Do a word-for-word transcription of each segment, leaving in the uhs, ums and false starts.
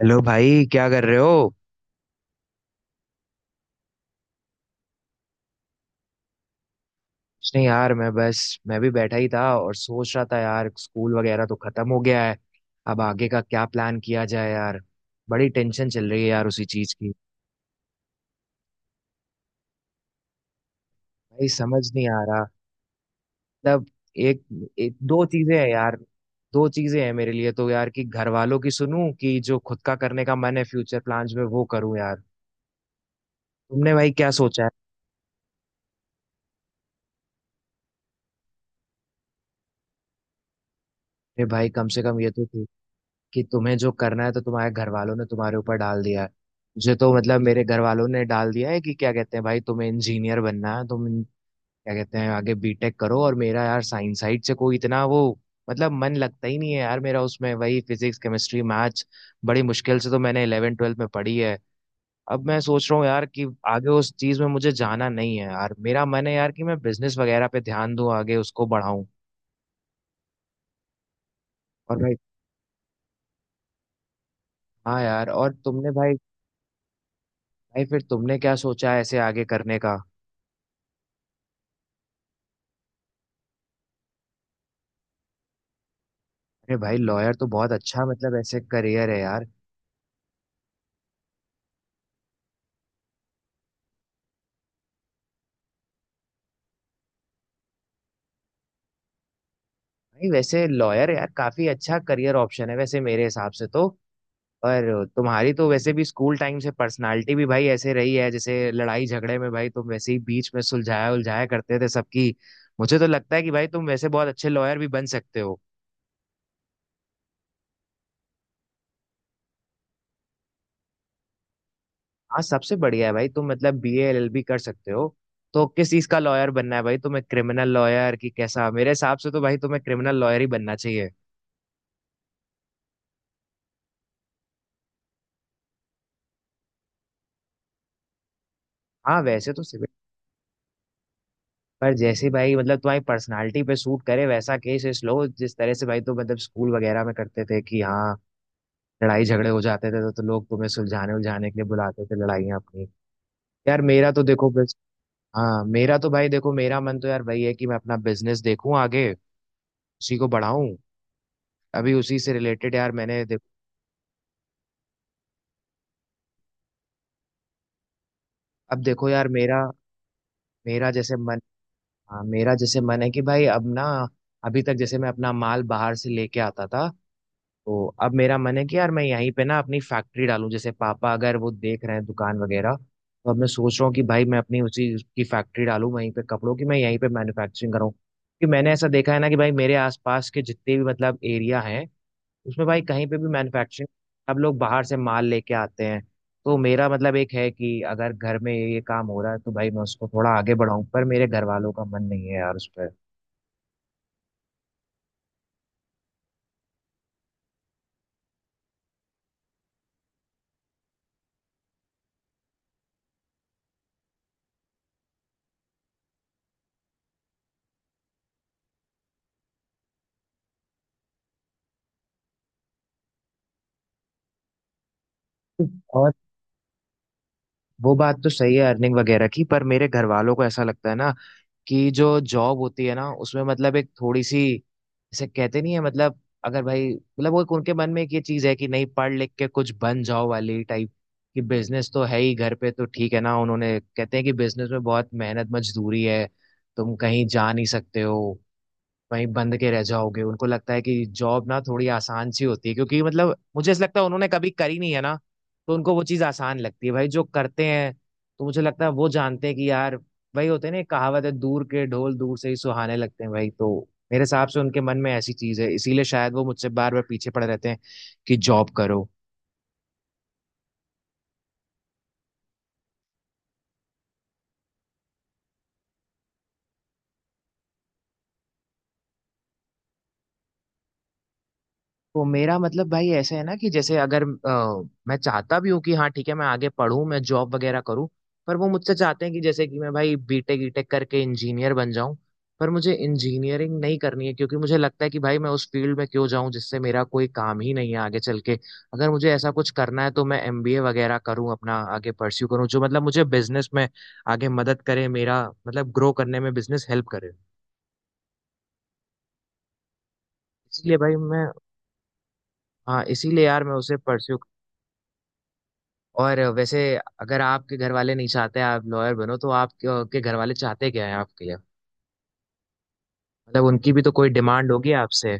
Hello भाई, क्या कर रहे हो। कुछ नहीं यार, मैं बस। मैं भी बैठा ही था और सोच रहा था यार, स्कूल वगैरह तो खत्म हो गया है। अब आगे का क्या प्लान किया जाए यार। बड़ी टेंशन चल रही है यार उसी चीज की। भाई समझ नहीं आ रहा। मतलब एक, एक दो चीजें हैं यार। दो चीजें हैं मेरे लिए तो यार, कि घर वालों की सुनूं कि जो खुद का करने का मन है फ्यूचर प्लान्स में वो करूं यार। तुमने भाई क्या सोचा है। अरे भाई, कम से कम ये तो कि तुम्हें जो करना है। तो तुम्हारे घर वालों ने तुम्हारे ऊपर डाल दिया है, मुझे तो मतलब मेरे घर वालों ने डाल दिया है कि क्या कहते हैं भाई तुम्हें इंजीनियर बनना है, तुम क्या कहते हैं आगे बीटेक करो। और मेरा यार साइंस साइड से कोई इतना वो। मतलब मन लगता ही नहीं है यार मेरा उसमें, वही फिजिक्स केमिस्ट्री मैथ्स। बड़ी मुश्किल से तो मैंने इलेवन ट्वेल्थ में पढ़ी है। अब मैं सोच रहा हूँ यार कि आगे उस चीज में मुझे जाना नहीं है यार, मेरा मन है यार कि मैं बिजनेस वगैरह पे ध्यान दूं, आगे उसको बढ़ाऊं। और भाई। हाँ यार, और तुमने भाई। भाई फिर तुमने क्या सोचा है ऐसे आगे करने का। अरे भाई लॉयर तो बहुत अच्छा, मतलब ऐसे करियर है यार। भाई वैसे लॉयर यार काफी अच्छा करियर ऑप्शन है वैसे मेरे हिसाब से तो। और तुम्हारी तो वैसे भी स्कूल टाइम से पर्सनालिटी भी भाई ऐसे रही है, जैसे लड़ाई झगड़े में भाई तुम वैसे ही बीच में सुलझाया उलझाया करते थे सबकी। मुझे तो लगता है कि भाई तुम वैसे बहुत अच्छे लॉयर भी बन सकते हो। हाँ सबसे बढ़िया है भाई, तुम मतलब B A L L B कर सकते हो। तो किस चीज का लॉयर बनना है भाई तुम्हें, क्रिमिनल लॉयर की कैसा? मेरे हिसाब से तो भाई तुम्हें क्रिमिनल लॉयर ही बनना चाहिए। हाँ वैसे तो। पर जैसे भाई मतलब तुम्हारी पर्सनालिटी पे सूट करे वैसा केस इस लो, जिस तरह से भाई, तो मतलब स्कूल वगैरह में करते थे कि हाँ लड़ाई झगड़े हो जाते थे तो, तो लोग तुम्हें सुलझाने उलझाने के लिए बुलाते थे लड़ाइयाँ अपनी। यार मेरा तो देखो बस। हाँ मेरा तो भाई देखो, मेरा मन तो यार वही है कि मैं अपना बिजनेस देखूं आगे, उसी को बढ़ाऊं। अभी उसी से रिलेटेड यार मैंने देखो। अब देखो यार मेरा। मेरा जैसे मन। हाँ मेरा जैसे मन है कि भाई अब ना, अभी तक जैसे मैं अपना माल बाहर से लेके आता था, तो अब मेरा मन है कि यार मैं यहीं पे ना अपनी फैक्ट्री डालूं। जैसे पापा अगर वो देख रहे हैं दुकान वगैरह तो अब मैं सोच रहा हूँ कि भाई मैं अपनी उसी की फैक्ट्री डालूं वहीं पे, कपड़ों की। मैं यहीं पे मैन्युफैक्चरिंग करूँ, कि मैंने ऐसा देखा है ना कि भाई मेरे आसपास के जितने भी मतलब एरिया हैं उसमें भाई कहीं पे भी मैन्युफैक्चरिंग, सब लोग बाहर से माल लेके आते हैं। तो मेरा मतलब एक है कि अगर घर में ये काम हो रहा है तो भाई मैं उसको थोड़ा आगे बढ़ाऊं, पर मेरे घर वालों का मन नहीं है यार उस पर। और वो बात तो सही है अर्निंग वगैरह की, पर मेरे घर वालों को ऐसा लगता है ना कि जो जॉब होती है ना उसमें मतलब एक थोड़ी सी, जैसे कहते नहीं है मतलब, अगर भाई मतलब वो एक उनके मन में एक ये चीज है कि नहीं पढ़ लिख के कुछ बन जाओ वाली टाइप, कि बिजनेस तो है ही घर पे तो ठीक है ना। उन्होंने कहते हैं कि बिजनेस में बहुत मेहनत मजदूरी है, तुम कहीं जा नहीं सकते हो, वहीं बंद के रह जाओगे। उनको लगता है कि जॉब ना थोड़ी आसान सी होती है, क्योंकि मतलब मुझे ऐसा लगता है उन्होंने कभी करी नहीं है ना तो उनको वो चीज़ आसान लगती है भाई जो करते हैं। तो मुझे लगता है वो जानते हैं कि यार भाई होते हैं ना, एक कहावत है, दूर के ढोल दूर से ही सुहाने लगते हैं भाई, तो मेरे हिसाब से उनके मन में ऐसी चीज़ है, इसीलिए शायद वो मुझसे बार बार पीछे पड़े रहते हैं कि जॉब करो। तो मेरा मतलब भाई ऐसे है ना, कि जैसे अगर अ, मैं चाहता भी हूँ कि हाँ ठीक है, मैं आगे पढूं, मैं जॉब वगैरह करूँ, पर वो मुझसे चाहते हैं कि जैसे कि मैं भाई बीटेक ईटेक करके इंजीनियर बन जाऊं। पर मुझे इंजीनियरिंग नहीं करनी है क्योंकि मुझे लगता है कि भाई मैं उस फील्ड में क्यों जाऊं जिससे मेरा कोई काम ही नहीं है आगे चल के। अगर मुझे ऐसा कुछ करना है तो मैं एमबीए वगैरह करूं, अपना आगे परस्यू करूं जो मतलब मुझे बिजनेस में आगे मदद करे, मेरा मतलब ग्रो करने में बिजनेस हेल्प करे। इसलिए भाई मैं। हाँ इसीलिए यार मैं उसे परस्यू। और वैसे अगर आपके घर वाले नहीं चाहते आप लॉयर बनो तो आपके आपके घर वाले चाहते क्या है आपके लिए। मतलब उनकी भी तो कोई डिमांड होगी आपसे।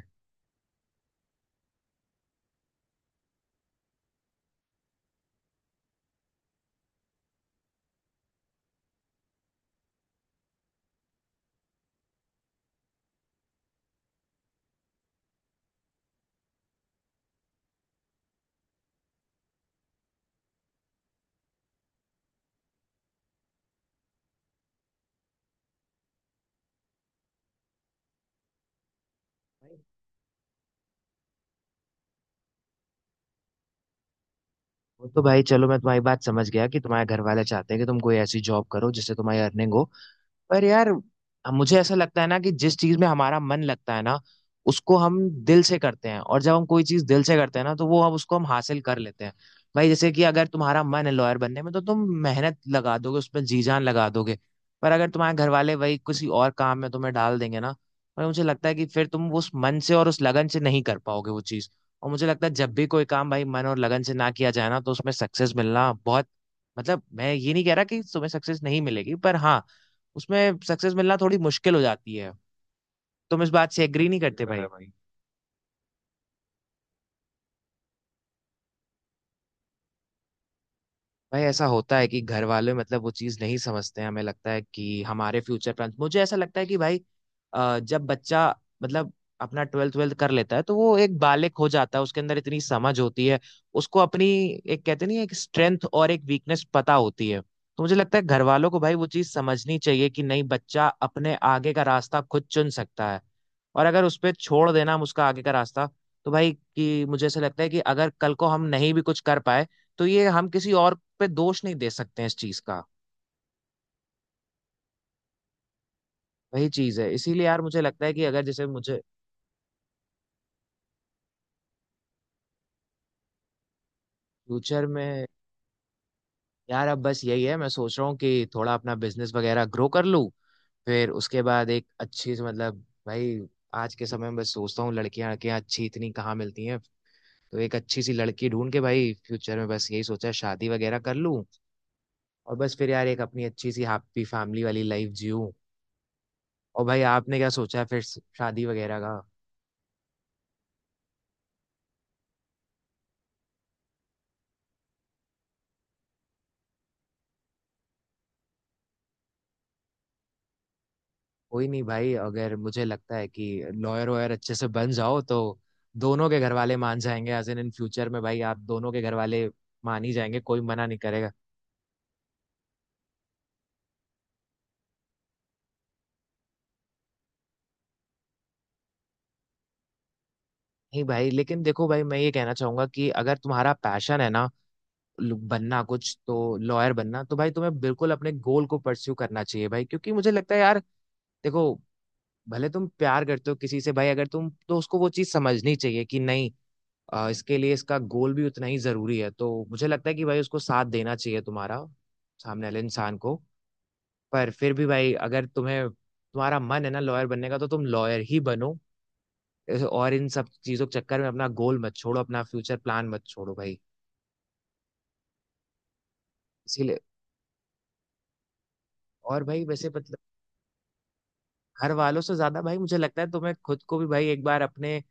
वो तो भाई चलो मैं तुम्हारी बात समझ गया कि तुम्हारे घर वाले चाहते हैं कि तुम कोई ऐसी जॉब करो जिससे तुम्हारी अर्निंग हो। पर यार, मुझे ऐसा लगता है ना कि जिस चीज में हमारा मन लगता है ना, उसको हम दिल से करते हैं, और जब हम कोई चीज दिल से करते हैं ना तो वो हम उसको हम हासिल कर लेते हैं। भाई जैसे कि अगर तुम्हारा मन है लॉयर बनने में तो तुम मेहनत लगा दोगे उसमें, जी जान लगा दोगे। पर अगर तुम्हारे घर वाले वही किसी और काम में तुम्हें डाल देंगे ना, भाई मुझे लगता है कि फिर तुम उस मन से और उस लगन से नहीं कर पाओगे वो चीज। और मुझे लगता है जब भी कोई काम भाई मन और लगन से ना किया जाए ना तो उसमें सक्सेस मिलना बहुत। मतलब मैं ये नहीं कह रहा कि तुम्हें सक्सेस नहीं मिलेगी, पर हाँ, उसमें सक्सेस मिलना थोड़ी मुश्किल हो जाती है। तुम इस बात से एग्री नहीं करते बिल्कुल भाई, है भाई? भाई ऐसा होता है कि घर वाले मतलब वो चीज नहीं समझते हैं, हमें लगता है कि हमारे फ्यूचर प्लान। मुझे ऐसा लगता है कि भाई अ, जब बच्चा मतलब अपना ट्वेल्थ ट्वेल्थ कर लेता है तो वो एक बालिक हो जाता है, उसके अंदर इतनी समझ होती है। उसको अपनी एक कहते नहीं है, एक स्ट्रेंथ और एक वीकनेस पता होती है, तो मुझे लगता है घर वालों को भाई वो चीज समझनी चाहिए कि नहीं बच्चा अपने आगे का रास्ता खुद चुन सकता है। और अगर उस पे छोड़ देना हम उसका आगे का रास्ता, तो भाई कि मुझे ऐसा लगता है कि अगर कल को हम नहीं भी कुछ कर पाए तो ये हम किसी और पे दोष नहीं दे सकते हैं इस चीज का। वही चीज है, इसीलिए यार मुझे लगता है कि अगर जैसे मुझे। फ्यूचर में यार अब बस यही है, मैं सोच रहा हूँ कि थोड़ा अपना बिजनेस वगैरह ग्रो कर लूँ, फिर उसके बाद एक अच्छी सी मतलब भाई। आज के समय में बस सोचता हूँ, लड़कियां लड़कियां अच्छी इतनी कहाँ मिलती हैं। तो एक अच्छी सी लड़की ढूंढ के भाई फ्यूचर में बस यही सोचा है, शादी वगैरह कर लूँ। और बस फिर यार एक अपनी अच्छी सी हैप्पी फैमिली वाली लाइफ जीऊँ। और भाई आपने क्या सोचा है फिर शादी वगैरह का। कोई नहीं भाई, अगर मुझे लगता है कि लॉयर वॉयर अच्छे से बन जाओ तो दोनों के घर वाले मान जाएंगे, एज इन इन फ्यूचर में भाई आप दोनों के घर वाले मान ही जाएंगे, कोई मना नहीं करेगा। नहीं भाई, लेकिन देखो भाई, मैं ये कहना चाहूंगा कि अगर तुम्हारा पैशन है ना लु- बनना कुछ तो। लॉयर बनना, तो भाई तुम्हें बिल्कुल अपने गोल को परस्यू करना चाहिए भाई, क्योंकि मुझे लगता है यार देखो, भले तुम प्यार करते हो किसी से भाई, अगर तुम तो उसको वो चीज समझनी चाहिए कि नहीं, अ, इसके लिए इसका गोल भी उतना ही जरूरी है, तो मुझे लगता है कि भाई उसको साथ देना चाहिए तुम्हारा, सामने वाले इंसान को। पर फिर भी भाई, अगर तुम्हें तुम्हारा मन है ना लॉयर बनने का तो तुम लॉयर ही बनो। इस- और इन सब चीजों के चक्कर में अपना गोल मत छोड़ो, अपना फ्यूचर प्लान मत छोड़ो भाई। इसीलिए, और भाई वैसे पत- घर वालों से ज्यादा भाई मुझे लगता है तुम्हें खुद को भी भाई एक बार अपने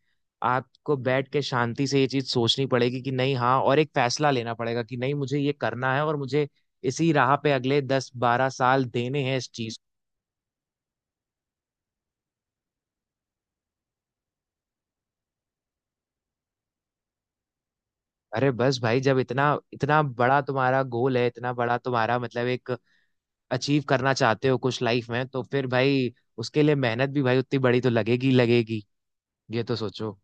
आप को बैठ के शांति से ये चीज सोचनी पड़ेगी कि नहीं हाँ, और एक फैसला लेना पड़ेगा कि नहीं मुझे ये करना है, और मुझे इसी राह पे अगले दस बारह साल देने हैं इस चीज। अरे बस भाई, जब इतना इतना बड़ा तुम्हारा गोल है, इतना बड़ा तुम्हारा मतलब एक अचीव करना चाहते हो कुछ लाइफ में, तो फिर भाई उसके लिए मेहनत भी भाई उतनी बड़ी तो लगेगी लगेगी, ये तो सोचो।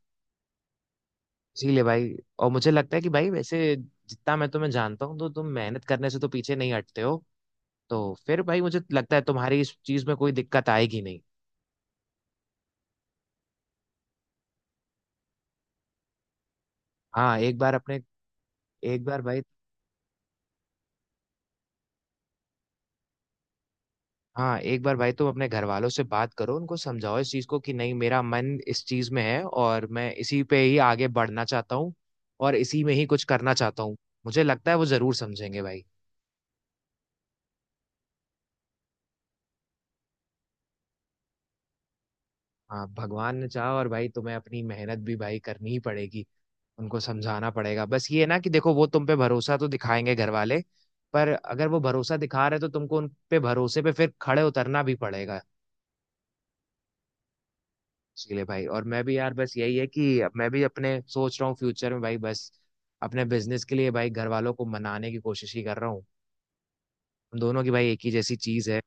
इसीलिए भाई, और मुझे लगता है कि भाई वैसे जितना मैं तुम्हें जानता हूँ तो तुम मेहनत करने से तो पीछे नहीं हटते हो, तो फिर भाई मुझे लगता है तुम्हारी इस चीज में कोई दिक्कत आएगी नहीं। हाँ एक बार अपने। एक बार भाई। हाँ एक बार भाई तुम अपने घर वालों से बात करो, उनको समझाओ इस चीज को कि नहीं मेरा मन इस चीज में है और मैं इसी पे ही आगे बढ़ना चाहता हूँ, और इसी में ही कुछ करना चाहता हूँ। मुझे लगता है वो जरूर समझेंगे भाई। हाँ भगवान ने चाहा, और भाई तुम्हें अपनी मेहनत भी भाई करनी ही पड़ेगी, उनको समझाना पड़ेगा। बस ये है ना कि देखो वो तुम पे भरोसा तो दिखाएंगे घर वाले, पर अगर वो भरोसा दिखा रहे तो तुमको उन पे भरोसे पे फिर खड़े उतरना भी पड़ेगा। इसीलिए भाई, और मैं भी यार बस यही है कि अब मैं भी अपने सोच रहा हूँ फ्यूचर में भाई बस अपने बिजनेस के लिए भाई घर वालों को मनाने की कोशिश ही कर रहा हूँ। हम दोनों की भाई एक ही जैसी चीज है।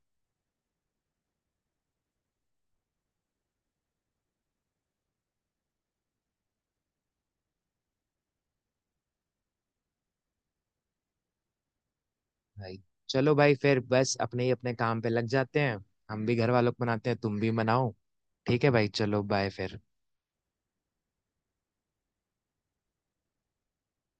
भाई चलो भाई, फिर बस अपने ही अपने काम पे लग जाते हैं। हम भी घर वालों को मनाते हैं, तुम भी मनाओ। ठीक है भाई, चलो बाय फिर।